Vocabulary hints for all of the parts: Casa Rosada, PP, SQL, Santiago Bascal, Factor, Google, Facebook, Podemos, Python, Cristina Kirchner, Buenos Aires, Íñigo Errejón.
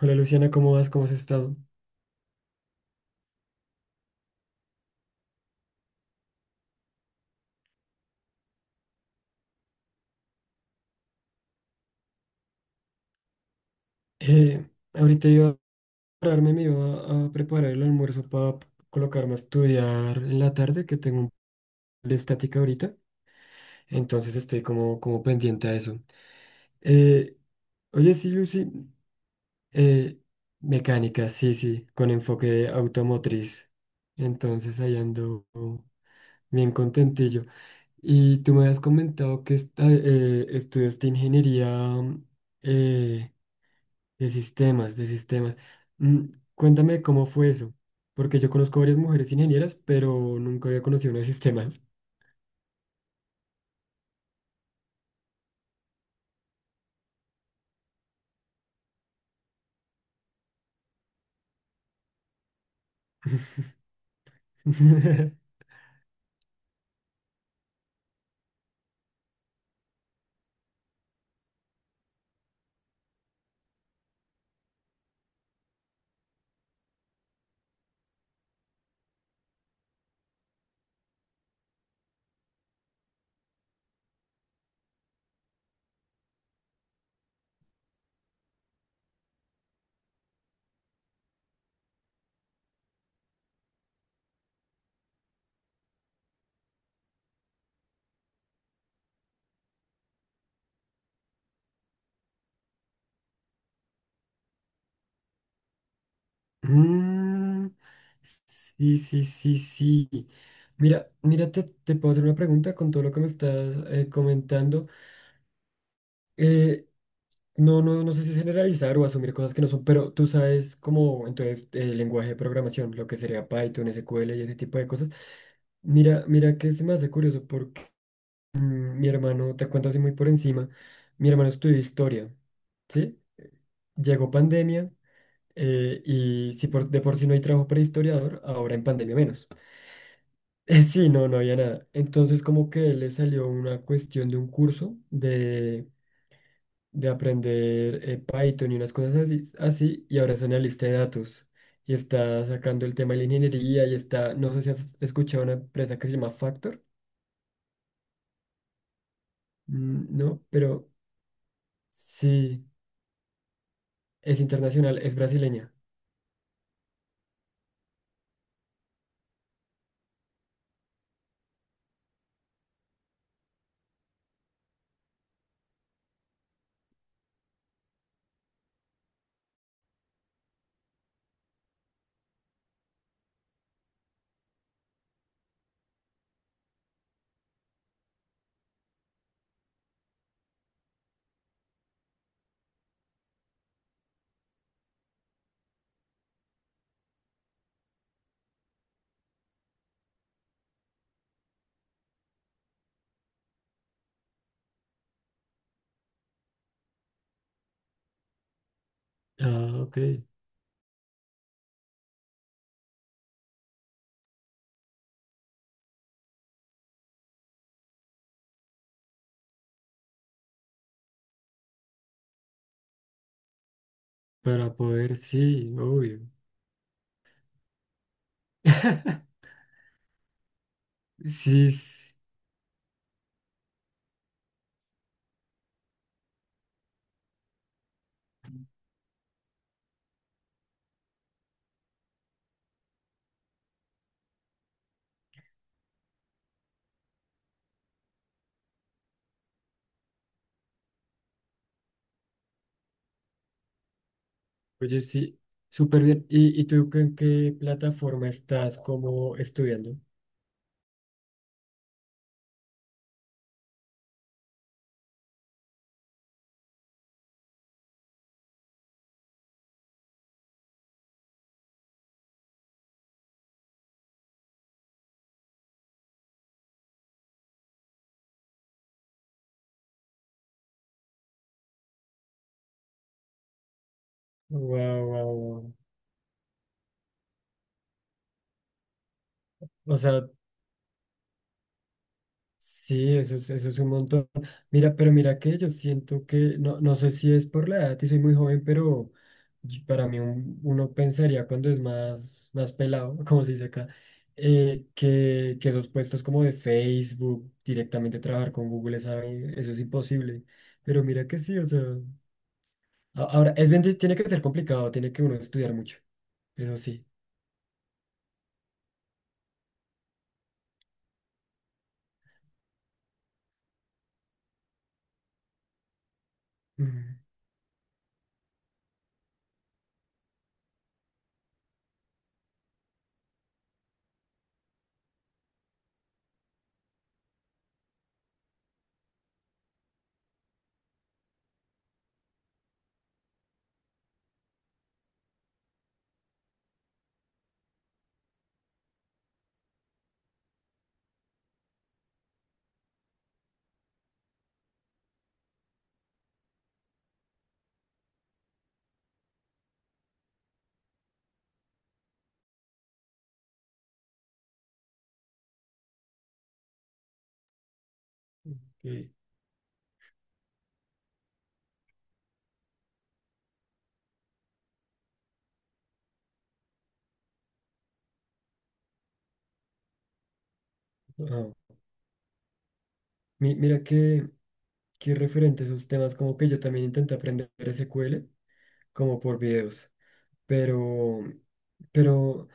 Hola Luciana, ¿cómo vas? ¿Cómo has estado? Eh, ahorita iba a prepararme, me iba a preparar el almuerzo para colocarme a estudiar en la tarde, que tengo un de estática ahorita, entonces estoy como, pendiente a eso. Eh, oye, sí, Lucy, eh, mecánica, sí, sí, con enfoque automotriz, entonces ahí ando bien contentillo. Y tú me has comentado que estudiaste ingeniería, eh, de sistemas, de sistemas. Mm, cuéntame cómo fue eso, porque yo conozco varias mujeres ingenieras, pero nunca había conocido una de sistemas. Mm, sí, sí. Mira, te puedo hacer una pregunta con todo lo que me estás comentando. Eh, no, no sé si generalizar o asumir cosas que no son, pero tú sabes cómo, entonces, el lenguaje de programación, lo que sería Python, SQL y ese tipo de cosas. Mira que se me hace curioso. Mm, mi hermano, te cuento así muy por encima, mi hermano estudió historia, ¿sí? Llegó pandemia, y si por, de por sí no hay trabajo para historiador, ahora en pandemia menos. Sí, no, había nada. Entonces como que le salió una cuestión de un curso de aprender Python y unas cosas así, así, y ahora es analista de datos y está sacando el tema de la ingeniería y está, no sé si has escuchado una empresa que se llama Factor, no, pero sí, es internacional, es brasileña. Ah, ok. Para poder, sí, obvio. Sí, sí. Oye, sí, súper bien. Y tú en qué plataforma estás como estudiando? Wow, wow. O sea, sí, eso es un montón. Mira, pero mira que yo siento que, no, no sé si es por la edad y soy muy joven, pero y para mí uno pensaría cuando es más, más pelado, como se dice acá, que, esos puestos como de Facebook, directamente trabajar con Google, ¿sabe? Eso es imposible. Pero mira que sí, o sea, ahora, es bien, tiene que ser complicado, tiene que uno estudiar mucho, eso sí. Ujú, sí. Ah. Mira que referente a esos temas, como que yo también intenté aprender SQL, como por videos, pero, pero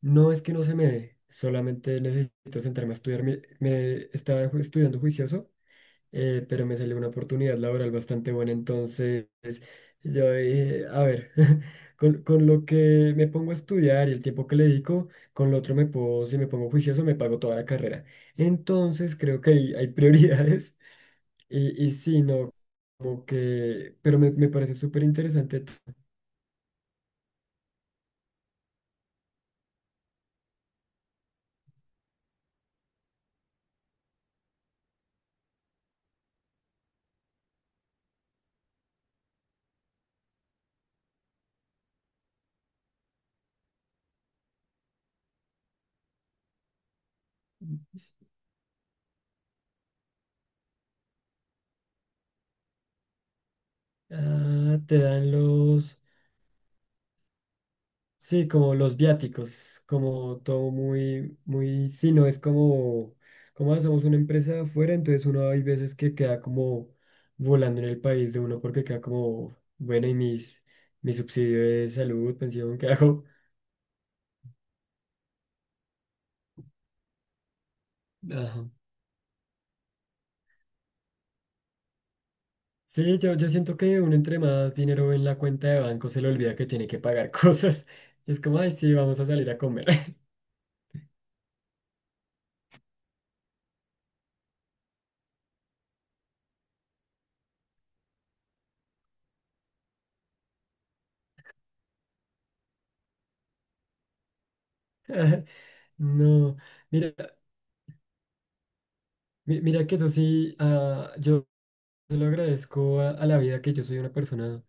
no es que no se me dé, solamente necesito sentarme a estudiar. Estaba estudiando juicioso, pero me salió una oportunidad laboral bastante buena, entonces yo dije, a ver, con lo que me pongo a estudiar y el tiempo que le dedico, con lo otro me puedo, si me pongo juicioso, me pago toda la carrera. Entonces creo que hay prioridades y sí, no, como que, pero me parece súper interesante. Ah, te dan los... Sí, como los viáticos, como todo muy, muy, sí, no es como, como hacemos una empresa de afuera, entonces uno hay veces que queda como volando en el país de uno porque queda como, bueno, y mis, mi subsidio de salud, pensión, ¿qué hago? Ajá. Sí, yo siento que uno entre más dinero en la cuenta de banco se le olvida que tiene que pagar cosas. Es como, ay, sí, vamos a salir a comer. No, mira, mira que eso sí, ah, yo se lo agradezco a la vida que yo soy una persona,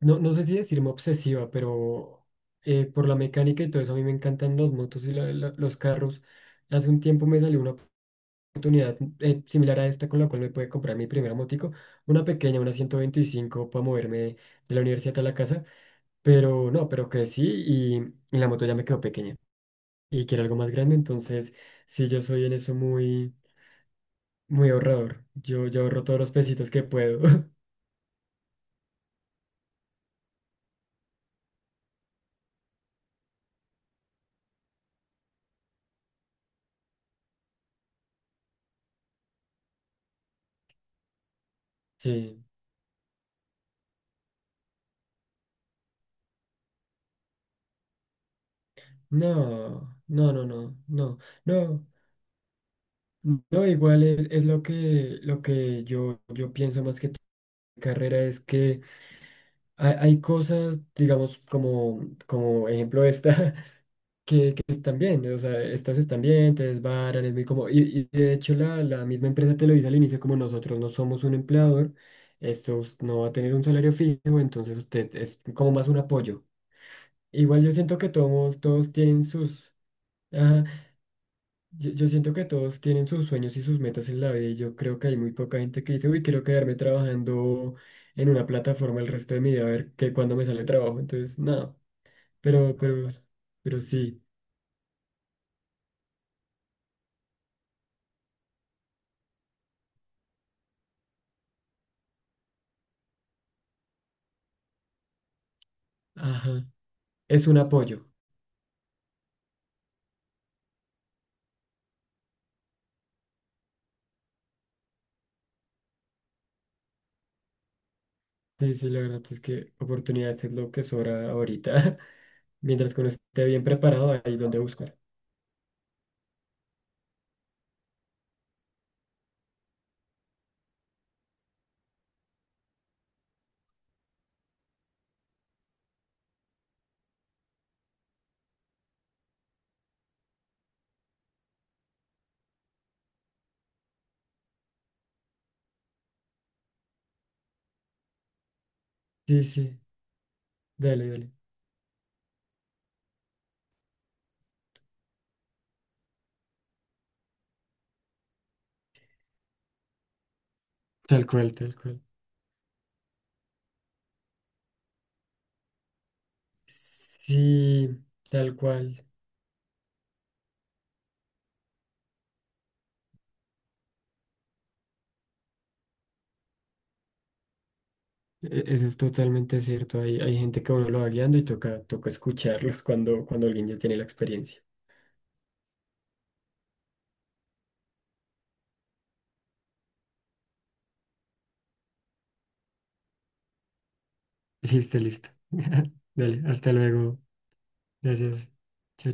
no, no sé si decirme obsesiva, pero por la mecánica y todo eso a mí me encantan los motos y los carros. Hace un tiempo me salió una oportunidad, similar a esta con la cual me pude comprar mi primera motico, una pequeña, una 125 para moverme de la universidad a la casa, pero no, pero que sí y la moto ya me quedó pequeña y quiero algo más grande, entonces sí, yo soy en eso muy, muy ahorrador. Yo ahorro todos los pesitos que puedo. Sí. No, no, no, no, no, igual es lo que yo pienso más que tu carrera es que hay cosas, digamos, como, como ejemplo esta, que están bien, o sea, estas están bien, te desbaran, es muy como, y de hecho la, la misma empresa te lo dice al inicio, como nosotros no somos un empleador, no va a tener un salario fijo, entonces usted es como más un apoyo. Igual yo siento que todos, todos tienen sus... Ajá, yo siento que todos tienen sus sueños y sus metas en la vida y yo creo que hay muy poca gente que dice, uy, quiero quedarme trabajando en una plataforma el resto de mi vida, a ver que cuando me sale trabajo. Entonces, nada, pero, pero sí, ajá, es un apoyo. Sí, sí, la verdad es que oportunidades es lo que sobra ahorita. Mientras que uno esté bien preparado, hay donde buscar. Sí, sí, dale, dale. Tal cual, tal cual. Sí, tal cual. E- eso es totalmente cierto. Hay gente que uno lo va guiando y toca, toca escucharlos cuando, cuando alguien ya tiene la experiencia. Listo, listo. Dale, hasta luego. Gracias. Chao,